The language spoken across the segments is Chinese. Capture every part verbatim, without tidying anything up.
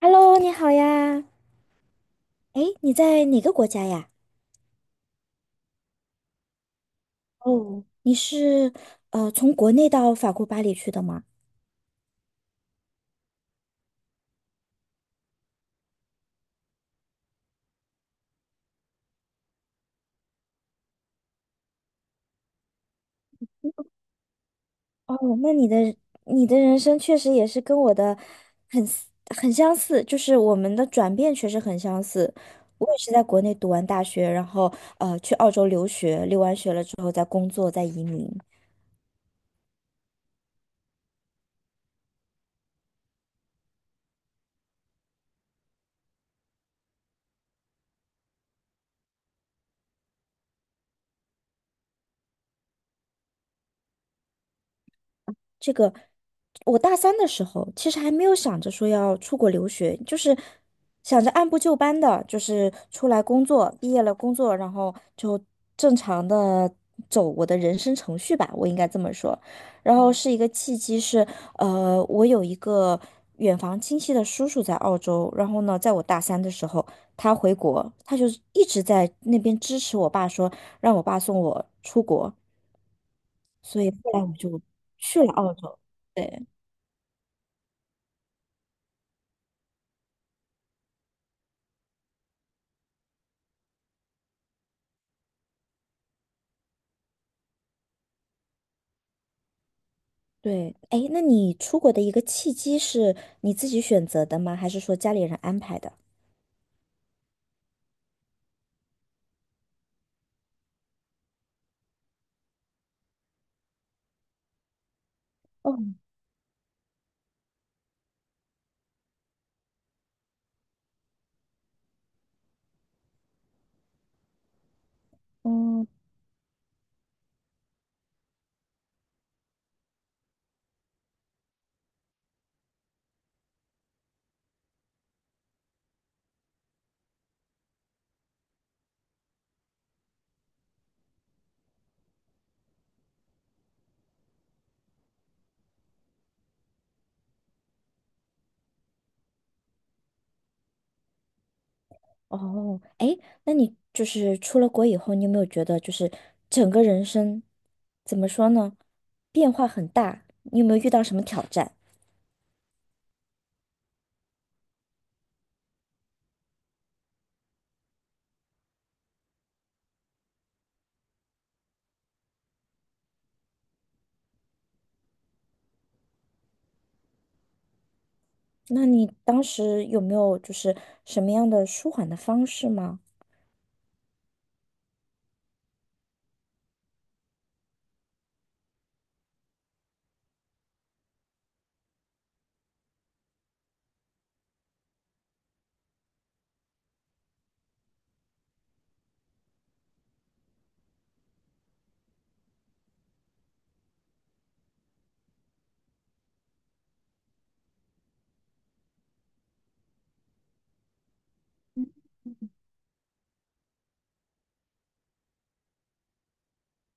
Hello，你好呀。哎，你在哪个国家呀？哦你是呃从国内到法国巴黎去的吗？哦，那你的你的人生确实也是跟我的很 s- 很相似，就是我们的转变确实很相似。我也是在国内读完大学，然后呃去澳洲留学，留完学了之后再工作，再移民。这个我大三的时候，其实还没有想着说要出国留学，就是想着按部就班的，就是出来工作，毕业了工作，然后就正常的走我的人生程序吧，我应该这么说。然后嗯是一个契机是，呃，我有一个远房亲戚的叔叔在澳洲，然后呢，在我大三的时候，他回国，他就是一直在那边支持我爸说，让我爸送我出国，所以后来我就去了澳洲。对。对，哎，那你出国的一个契机是你自己选择的吗？还是说家里人安排的？哦，嗯，哦，哎，那你就是出了国以后，你有没有觉得就是整个人生怎么说呢，变化很大？你有没有遇到什么挑战？那你当时有没有就是什么样的舒缓的方式吗？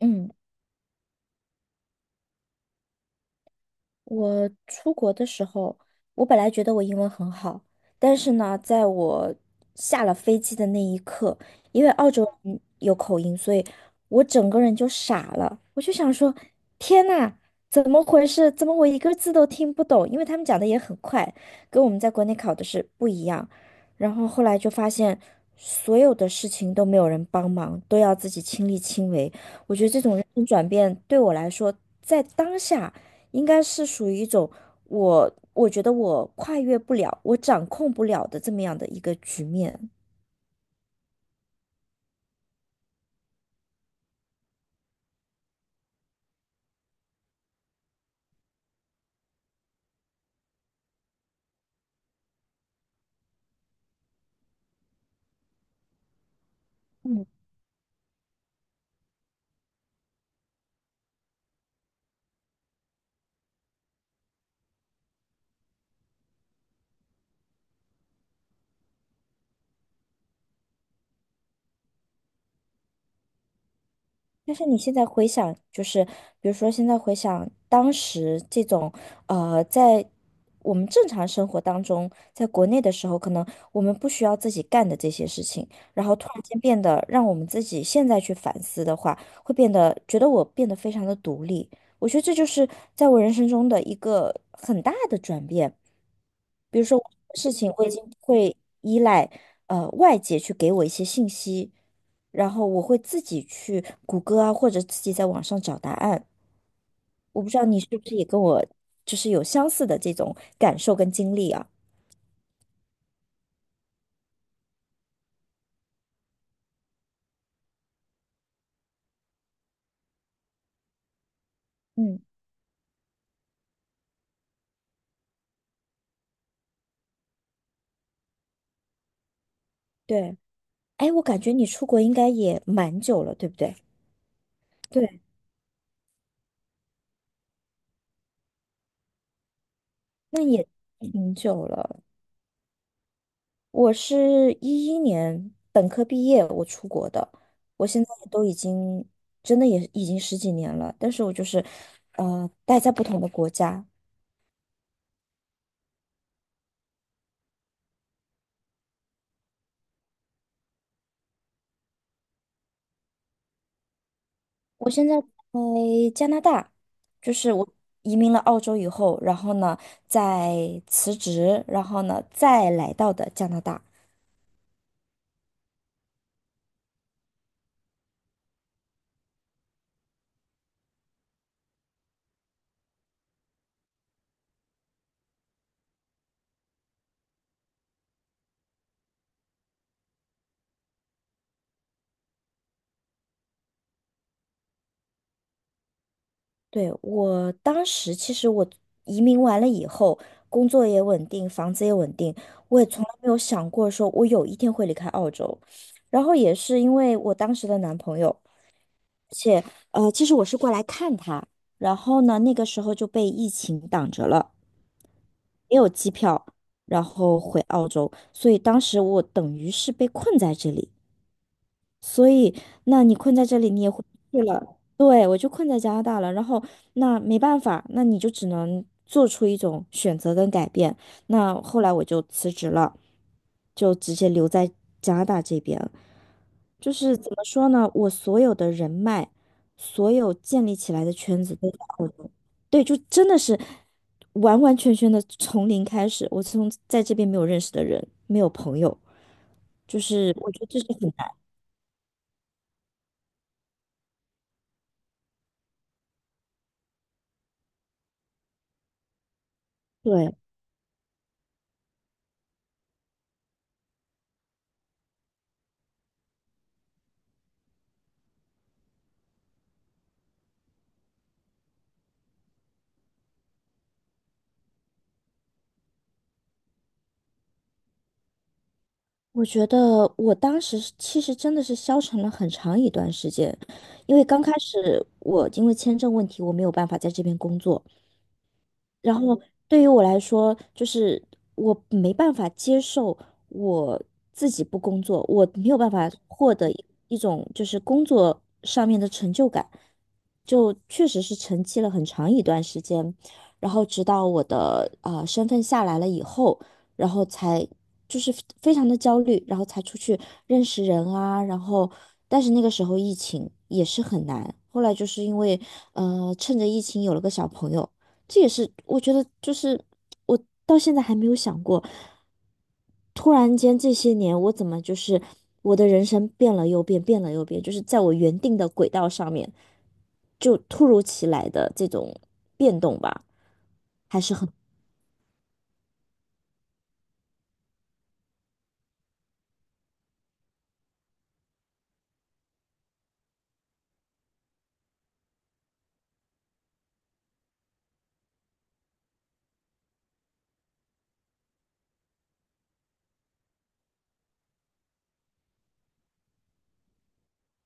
嗯。我出国的时候，我本来觉得我英文很好，但是呢，在我下了飞机的那一刻，因为澳洲人有口音，所以我整个人就傻了。我就想说，天呐，怎么回事？怎么我一个字都听不懂？因为他们讲的也很快，跟我们在国内考的是不一样。然后后来就发现，所有的事情都没有人帮忙，都要自己亲力亲为。我觉得这种人生转变对我来说，在当下。应该是属于一种我我觉得我跨越不了，我掌控不了的这么样的一个局面。嗯。但是你现在回想，就是比如说现在回想当时这种，呃，在我们正常生活当中，在国内的时候，可能我们不需要自己干的这些事情，然后突然间变得让我们自己现在去反思的话，会变得觉得我变得非常的独立。我觉得这就是在我人生中的一个很大的转变。比如说我事情，我已经不会依赖呃外界去给我一些信息。然后我会自己去谷歌啊，或者自己在网上找答案。我不知道你是不是也跟我就是有相似的这种感受跟经历啊？嗯，对。哎，我感觉你出国应该也蛮久了，对不对？对，那也挺久了。我是一一年本科毕业，我出国的。我现在都已经真的也已经十几年了，但是我就是呃待在不同的国家。我现在在加拿大，就是我移民了澳洲以后，然后呢，再辞职，然后呢，再来到的加拿大。对，我当时其实我移民完了以后，工作也稳定，房子也稳定，我也从来没有想过说我有一天会离开澳洲。然后也是因为我当时的男朋友，而且呃，其实我是过来看他，然后呢，那个时候就被疫情挡着了。没有机票，然后回澳洲，所以当时我等于是被困在这里。所以，那你困在这里，你也回不去了。对，我就困在加拿大了。然后，那没办法，那你就只能做出一种选择跟改变。那后来我就辞职了，就直接留在加拿大这边。就是怎么说呢，我所有的人脉，所有建立起来的圈子都在澳洲对，就真的是完完全全的从零开始。我从在这边没有认识的人，没有朋友，就是我觉得这是很难。对。我觉得我当时是其实真的是消沉了很长一段时间，因为刚开始我因为签证问题，我没有办法在这边工作，然后对于我来说，就是我没办法接受我自己不工作，我没有办法获得一一种就是工作上面的成就感，就确实是沉寂了很长一段时间，然后直到我的呃身份下来了以后，然后才就是非常的焦虑，然后才出去认识人啊，然后但是那个时候疫情也是很难，后来就是因为呃趁着疫情有了个小朋友。这也是我觉得，就是我到现在还没有想过，突然间这些年我怎么就是我的人生变了又变，变了又变，就是在我原定的轨道上面，就突如其来的这种变动吧，还是很。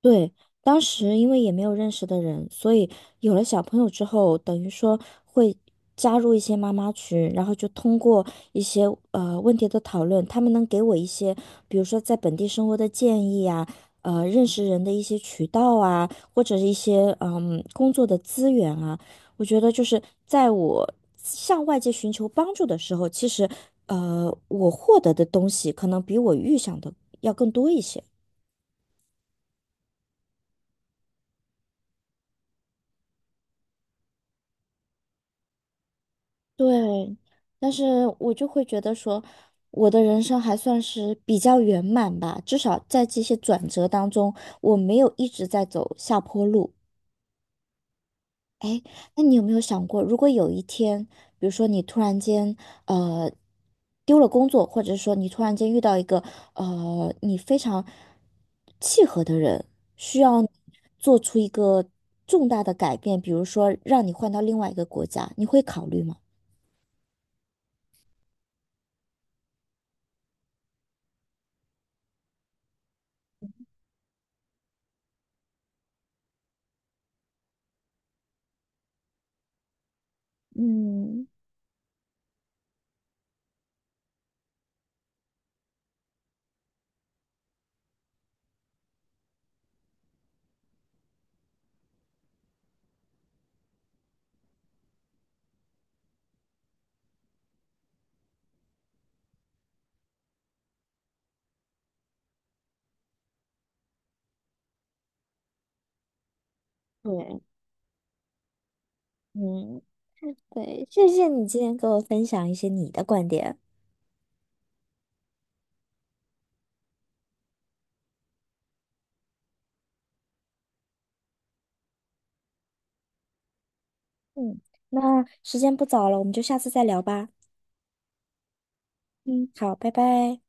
对，当时因为也没有认识的人，所以有了小朋友之后，等于说会加入一些妈妈群，然后就通过一些呃问题的讨论，他们能给我一些，比如说在本地生活的建议啊，呃，认识人的一些渠道啊，或者是一些嗯工作的资源啊。我觉得就是在我向外界寻求帮助的时候，其实呃我获得的东西可能比我预想的要更多一些。对，但是我就会觉得说，我的人生还算是比较圆满吧，至少在这些转折当中，我没有一直在走下坡路。哎，那你有没有想过，如果有一天，比如说你突然间呃丢了工作，或者说你突然间遇到一个呃你非常契合的人，需要你做出一个重大的改变，比如说让你换到另外一个国家，你会考虑吗？嗯，对。嗯，对，谢谢你今天给我分享一些你的观点。嗯，那时间不早了，我们就下次再聊吧。嗯，好，拜拜。